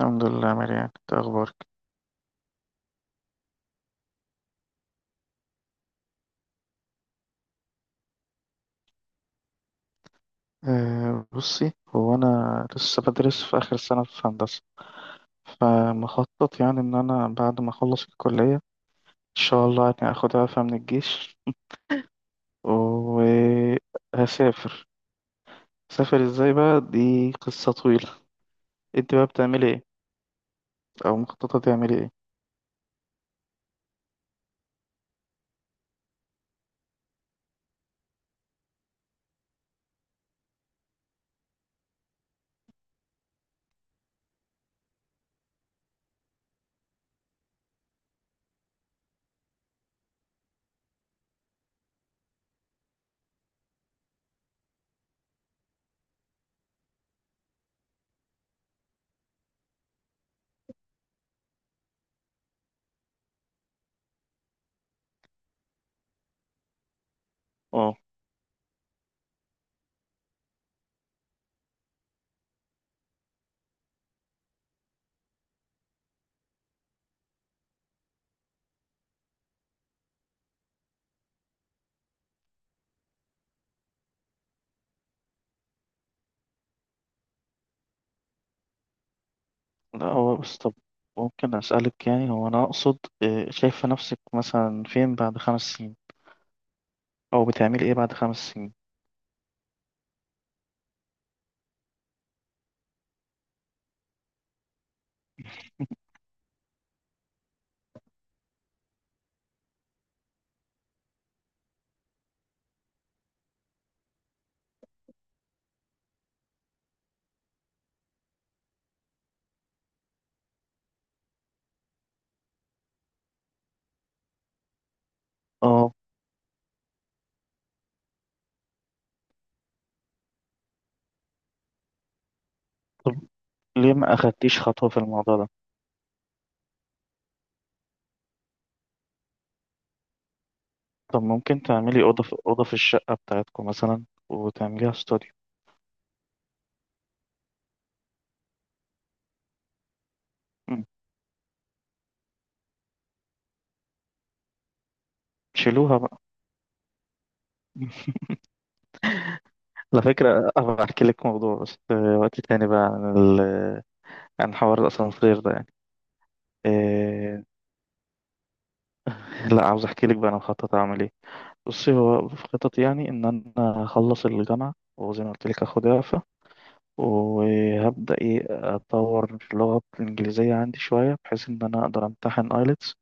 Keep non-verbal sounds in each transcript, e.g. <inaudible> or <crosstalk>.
الحمد لله، مريان. انت اخبارك؟ بصي، هو انا لسه بدرس في اخر سنه في هندسه. فمخطط يعني ان انا بعد ما اخلص الكليه ان شاء الله يعني اخد عفه من الجيش وهسافر. سافر ازاي بقى؟ دي قصه طويله. انت بقى بتعملي ايه او مخططه تعملي ايه؟ اه لا، هو بس طب ممكن اسالك؟ يعني هو انا اقصد، شايفه نفسك مثلا فين بعد خمس سنين او بتعملي ايه بعد خمس سنين؟ اه، ليه ما أخدتيش خطوة في الموضوع ده؟ طب ممكن تعملي أوضة في أوضة في الشقة بتاعتكم مثلا وتعمليها استوديو؟ مم. شيلوها بقى. على فكرة أبقى أحكي لك موضوع، بس وقت تاني بقى، عن عن حوار الأسانسير ده يعني. إيه... لا، عاوز أحكي لك بقى أنا مخطط أعمل إيه. بصي، هو في خطط يعني إن أنا أخلص الجامعة، وزي ما قلت لك أخد إعفاء، وهبدأ أطور اللغة الإنجليزية عندي شوية بحيث إن أنا أقدر أمتحن آيلتس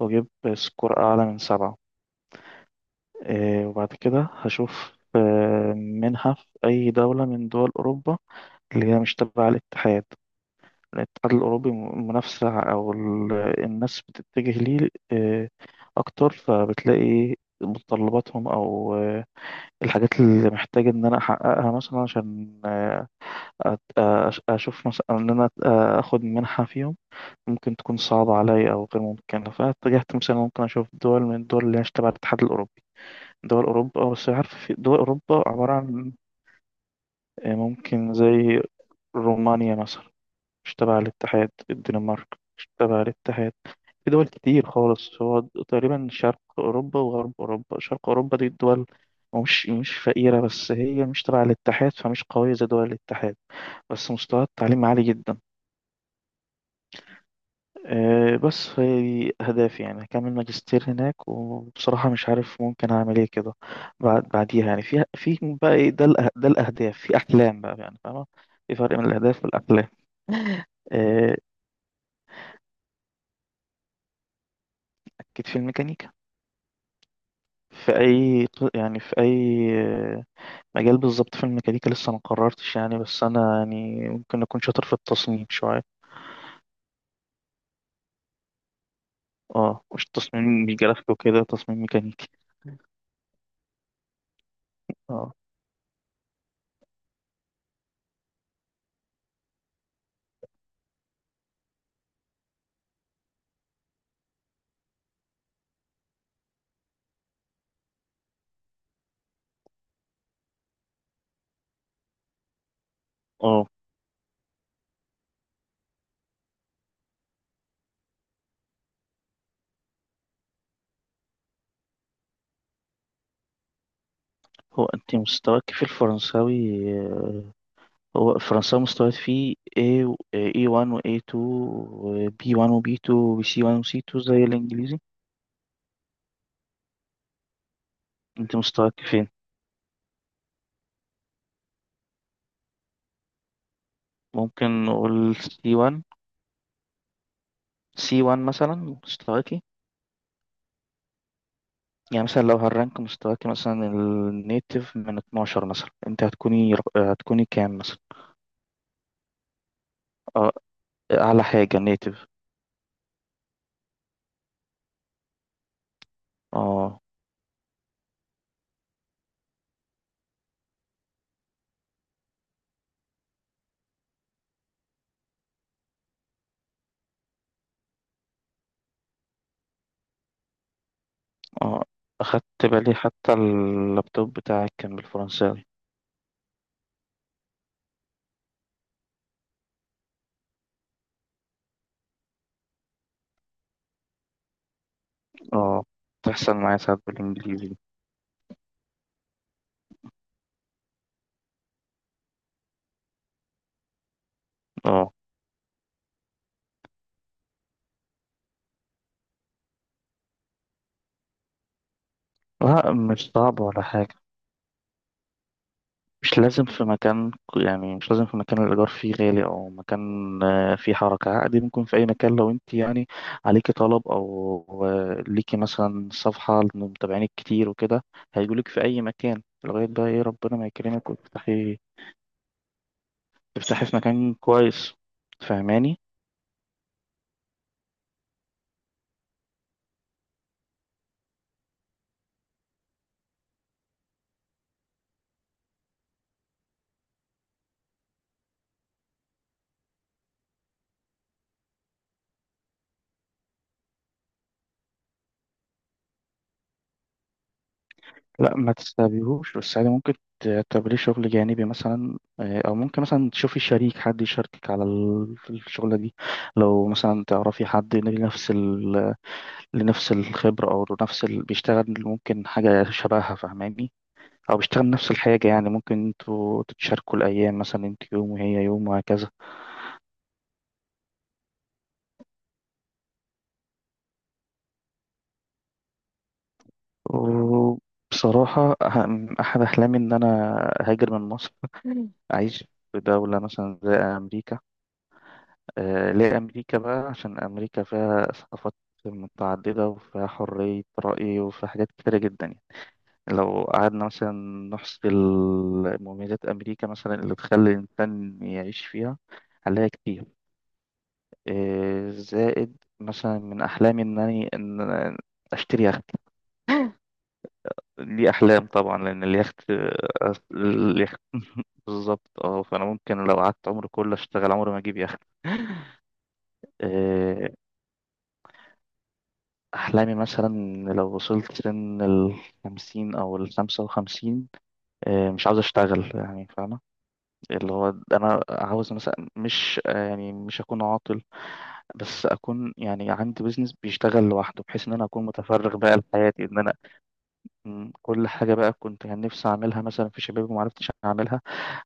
وأجيب سكور أعلى من سبعة. وبعد كده هشوف منحة في أي دولة من دول أوروبا اللي هي مش تبع الاتحاد، الأوروبي. منافسة، أو الناس بتتجه ليه أكتر، فبتلاقي متطلباتهم أو الحاجات اللي محتاج إن أنا أحققها مثلا عشان أشوف مثلا إن أنا أخد منحة فيهم ممكن تكون صعبة عليا أو غير ممكنة. فاتجهت مثلا ممكن أشوف دول من الدول اللي هي مش تبع الاتحاد الأوروبي. دول أوروبا بس. عارف في دول أوروبا عبارة عن، ممكن زي رومانيا مثلا، مش تبع الاتحاد. الدنمارك مش تبع الاتحاد. في دول كتير خالص. هو تقريبا شرق أوروبا وغرب أوروبا. شرق أوروبا دي الدول مش فقيرة، بس هي مش تبع الاتحاد فمش قوية زي دول الاتحاد، بس مستوى التعليم عالي جدا. بس هي دي أهدافي. يعني هكمل ماجستير هناك، وبصراحة مش عارف ممكن أعمل إيه كده بعديها. يعني في بقى إيه ده؟ ده الأهداف، في أحلام بقى يعني. فاهمة؟ في فرق بين الأهداف والأحلام. آه، أكيد في الميكانيكا. في أي يعني في أي مجال بالظبط في الميكانيكا لسه ما قررتش يعني، بس أنا يعني ممكن أكون شاطر في التصميم شوية. اه مش تصميم، مش جرافيك وكده، تصميم ميكانيكي. اه، اه، هو أنت مستواك في الفرنساوي؟ هو فرنساوي مستويات فيه A و A1 و A2 و B1 و B2 و C1 و C2 زي الإنجليزي. أنت مستواك فين؟ ممكن نقول C1، C1 مثلا مستواكي. يعني مثلا لو هالرانك مستواكي مثلا النيتف من 12 مثلا أنت هتكوني كام مثلا؟ أه، أعلى حاجة نيتف. أه، أه، أخدت بالي حتى اللابتوب بتاعك كان بالفرنساوي. أه، تحصل معايا ساعات بالإنجليزي. أه، لا مش صعب ولا حاجة. مش لازم في مكان، يعني مش لازم في مكان الإيجار فيه غالي، أو مكان فيه حركة. عادي ممكن في أي مكان لو أنت يعني عليكي طلب أو ليكي مثلا صفحة لمتابعينك كتير وكده هيجولك في أي مكان، لغاية بقى إيه ربنا ما يكرمك وتفتحي، في مكان كويس. فاهماني؟ لا ما تستبيهوش، بس عادي ممكن تعتبريه شغل جانبي مثلا، أو ممكن مثلا تشوفي شريك، حد يشاركك على في الشغلة دي. لو مثلا تعرفي حد لنفس الخبرة، أو لنفس بيشتغل ممكن حاجة شبهها. فاهماني؟ أو بيشتغل نفس الحاجة. يعني ممكن انتوا تتشاركوا الأيام مثلا، انت يوم وهي يوم وهكذا. وبصراحة أحد أحلامي إن أنا أهاجر من مصر <laughs> أعيش في دولة مثلا زي أمريكا. آه، ليه أمريكا بقى؟ عشان أمريكا فيها ثقافات متعددة، وفيها حرية رأي، وفيها حاجات كتيرة جدا. لو قعدنا مثلا نحصي مميزات أمريكا مثلا اللي تخلي الإنسان يعيش فيها هنلاقي كتير. إيه، زائد مثلا من أحلامي إن أنا أشتري يخت. دي أحلام طبعا لأن اليخت، اليخت <laughs> بالظبط اه. فأنا ممكن لو قعدت عمري كله أشتغل عمري ما أجيب يخت. إيه، أحلامي مثلا إن لو وصلت سن الخمسين أو الخمسة وخمسين. إيه، مش عاوز أشتغل يعني. فاهمة؟ اللي هو انا عاوز مثلا مش، يعني مش اكون عاطل، بس اكون يعني عندي بيزنس بيشتغل لوحده بحيث ان انا اكون متفرغ بقى لحياتي، ان انا كل حاجه بقى كنت كان نفسي اعملها مثلا في شبابي وما عرفتش اعملها،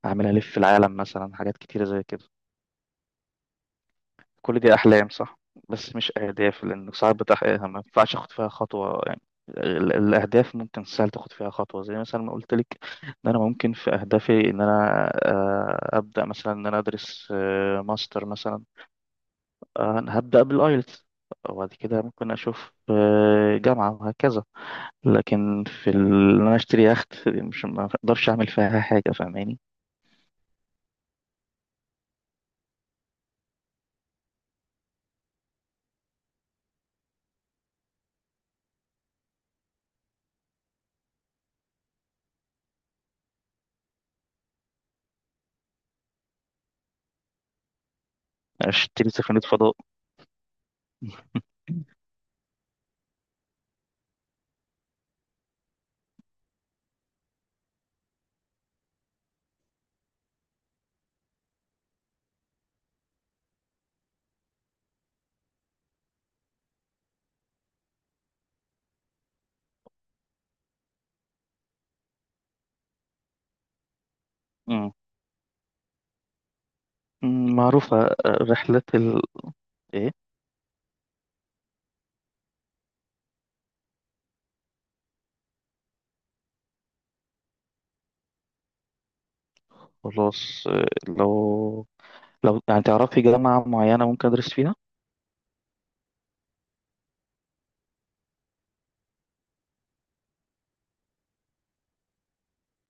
اعملها الف العالم مثلا، حاجات كتيره زي كده. كل دي أحلام صح؟ بس مش أهداف، لأن ساعات بتحققها ما ينفعش أخد فيها خطوة يعني. الأهداف ممكن سهل تاخد فيها خطوة، زي مثلا ما قلت لك إن أنا ممكن في أهدافي إن أنا أبدأ مثلا إن أنا أدرس ماستر مثلا. أنا هبدأ بالآيلتس، وبعد كده ممكن أشوف جامعة وهكذا. لكن في إن أنا أشتري يخت دي، مش، ما أقدرش أعمل فيها حاجة. فاهماني؟ أشتري سفينة فضاء <laughs> مم. معروفة رحلة ال إيه. خلاص، لو، يعني تعرفي جامعة معينة ممكن أدرس فيها.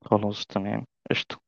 خلاص، تمام، قشطة.